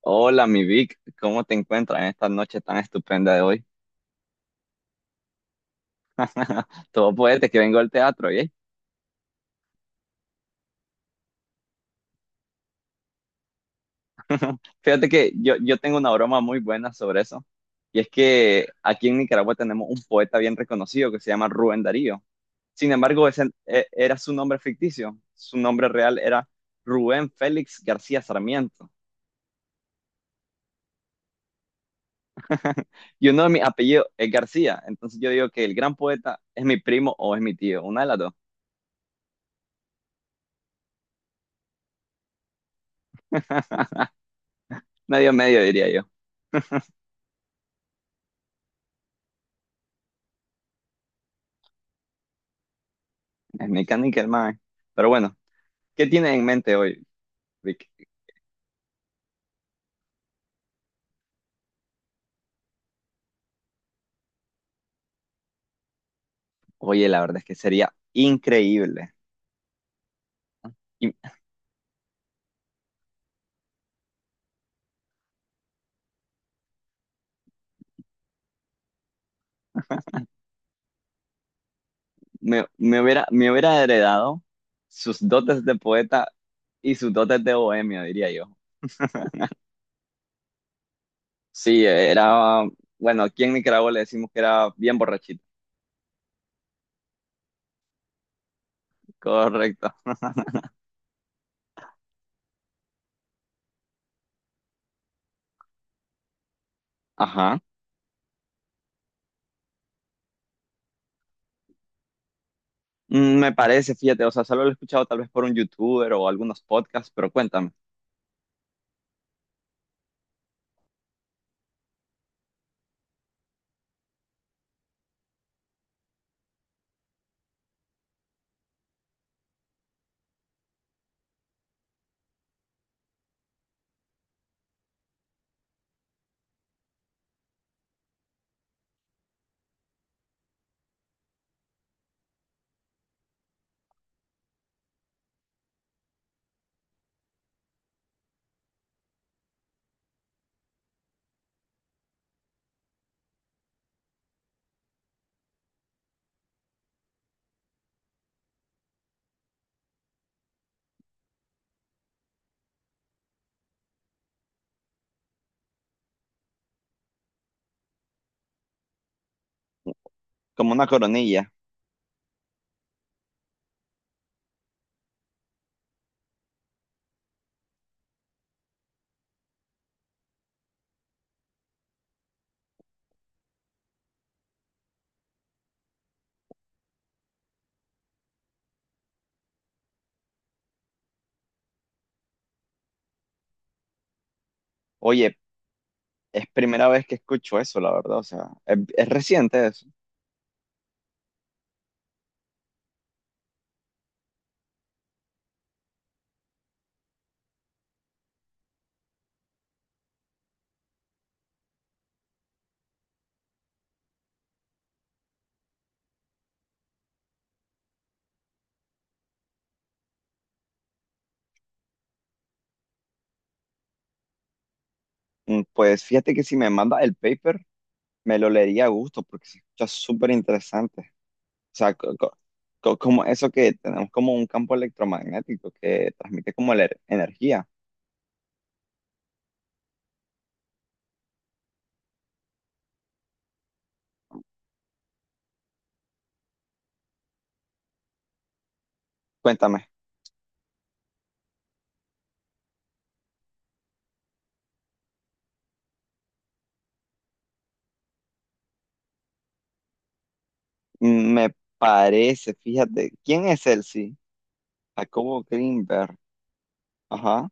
Hola, mi Vic, ¿cómo te encuentras en esta noche tan estupenda de hoy? Todo poeta que vengo al teatro, ¿eh? Fíjate que yo tengo una broma muy buena sobre eso, y es que aquí en Nicaragua tenemos un poeta bien reconocido que se llama Rubén Darío. Sin embargo, ese era su nombre ficticio, su nombre real era Rubén Félix García Sarmiento, y uno de mis apellidos es García, entonces yo digo que el gran poeta es mi primo o es mi tío, una de las dos, medio medio diría yo, es mi canica el mae. Pero bueno. ¿Qué tienes en mente hoy, Vic? Oye, la verdad es que sería increíble. Y me hubiera heredado sus dotes de poeta y sus dotes de bohemio, diría yo. Sí, era, bueno, aquí en Nicaragua le decimos que era bien borrachito. Correcto. Ajá. Me parece, fíjate, o sea, solo lo he escuchado tal vez por un youtuber o algunos podcasts, pero cuéntame, como una coronilla. Oye, es primera vez que escucho eso, la verdad, o sea, es reciente eso. Pues fíjate que si me manda el paper, me lo leería a gusto porque se escucha súper interesante. O sea, como eso que tenemos como un campo electromagnético que transmite como la energía. Cuéntame, mm, me parece, fíjate, ¿quién es él? Sí, Jacobo Greenberg. Ajá,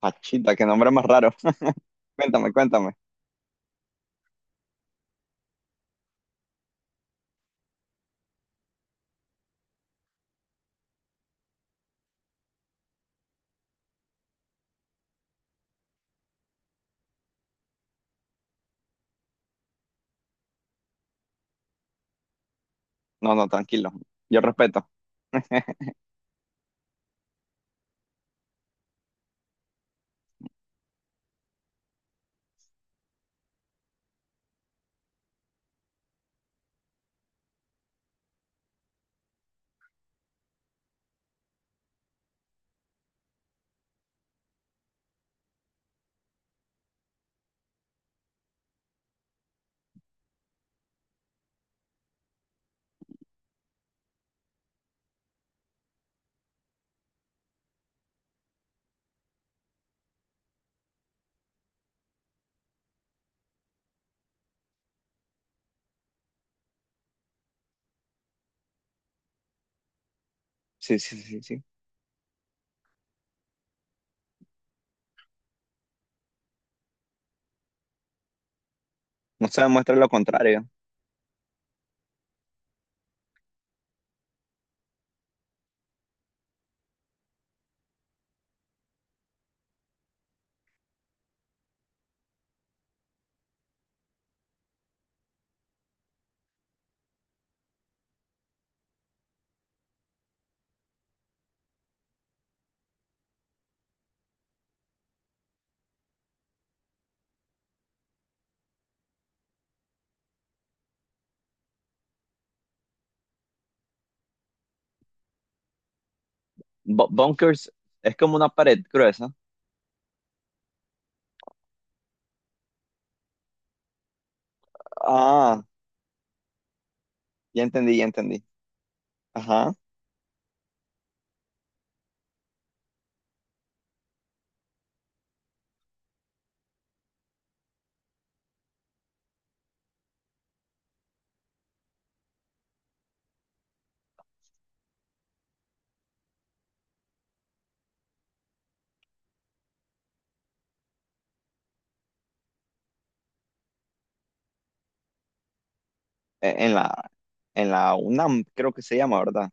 Pachita, qué nombre más raro. Cuéntame, cuéntame. No, no, tranquilo, yo respeto. Sí, sí, sí, sí. No se demuestra lo contrario. Bunkers es como una pared gruesa. Ah, ya entendí, ya entendí. Ajá. E- En la en la UNAM, creo que se llama, ¿verdad?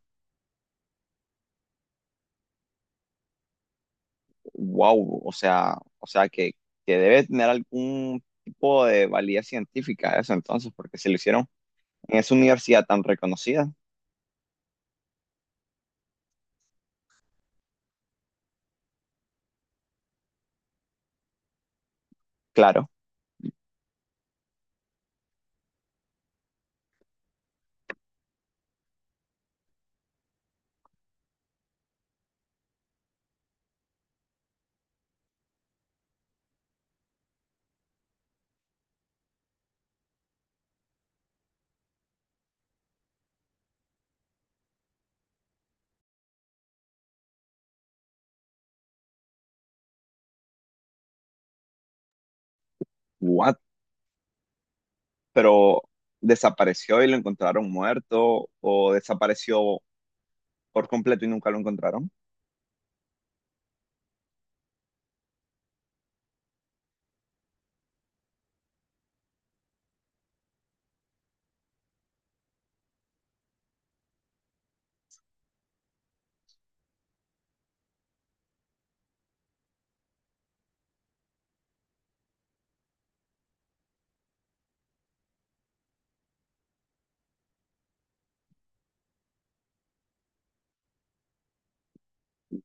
Wow, o sea que debe tener algún tipo de validez científica eso entonces, porque se lo hicieron en esa universidad tan reconocida, claro. ¿What, pero desapareció y lo encontraron muerto o desapareció por completo y nunca lo encontraron?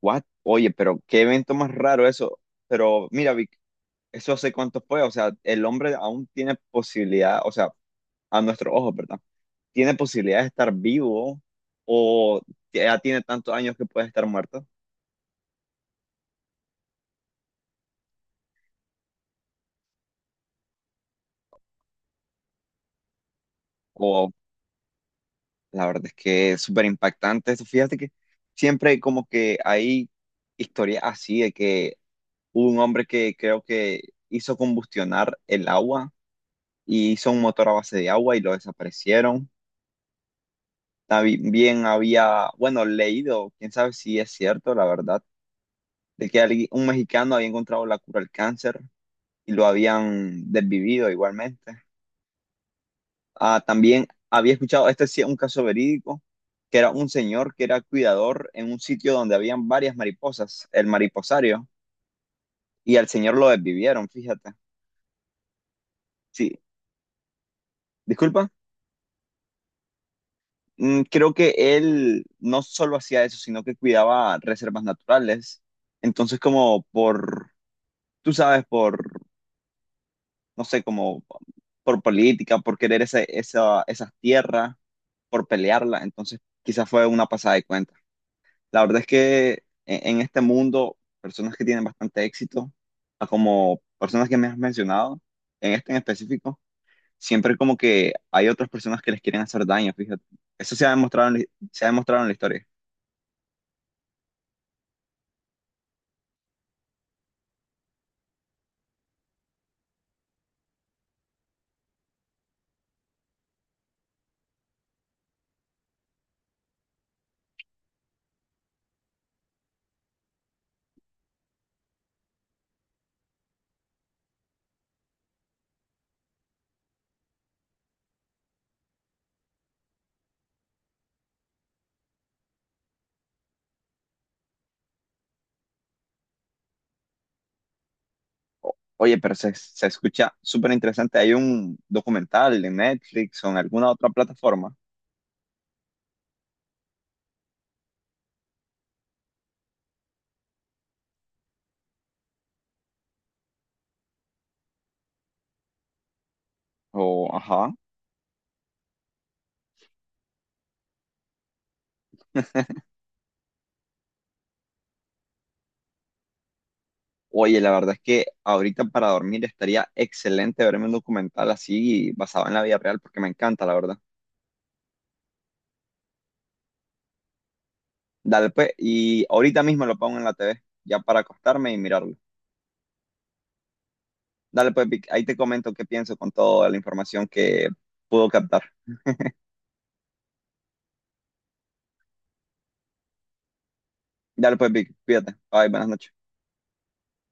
What, oye, pero qué evento más raro eso, pero mira, Vic, eso hace cuánto fue, o sea, el hombre aún tiene posibilidad, o sea, a nuestros ojos, ¿verdad? ¿Tiene posibilidad de estar vivo o ya tiene tantos años que puede estar muerto? O la verdad es que es súper impactante eso. Fíjate que siempre hay historias así de que hubo un hombre que creo que hizo combustionar el agua y hizo un motor a base de agua y lo desaparecieron. También había, bueno, leído, quién sabe si es cierto, la verdad, de que alguien- un mexicano había encontrado la cura al cáncer y lo habían desvivido igualmente. Ah, también había escuchado, este sí es un caso verídico, que era un señor que era cuidador en un sitio donde habían varias mariposas, el mariposario, y al señor lo desvivieron, fíjate. Sí, disculpa. Creo que él no solo hacía eso, sino que cuidaba reservas naturales. Entonces, como por, tú sabes, por, no sé, como por política, por querer esa, esas tierras, por pelearla. Entonces, quizás fue una pasada de cuenta. La verdad es que en este mundo, personas que tienen bastante éxito, a como personas que me has mencionado, en este en específico, siempre como que hay otras personas que les quieren hacer daño, fíjate. Eso se ha demostrado se ha demostrado en la historia. Oye, pero se escucha súper interesante. Hay un documental en Netflix o en alguna otra plataforma. O, ajá. Oye, la verdad es que ahorita para dormir estaría excelente verme un documental así basado en la vida real porque me encanta, la verdad. Dale, pues, y ahorita mismo lo pongo en la TV, ya para acostarme y mirarlo. Dale, pues, Vic, ahí te comento qué pienso con toda la información que pudo captar. Dale, pues, Vic, cuídate. Bye, buenas noches.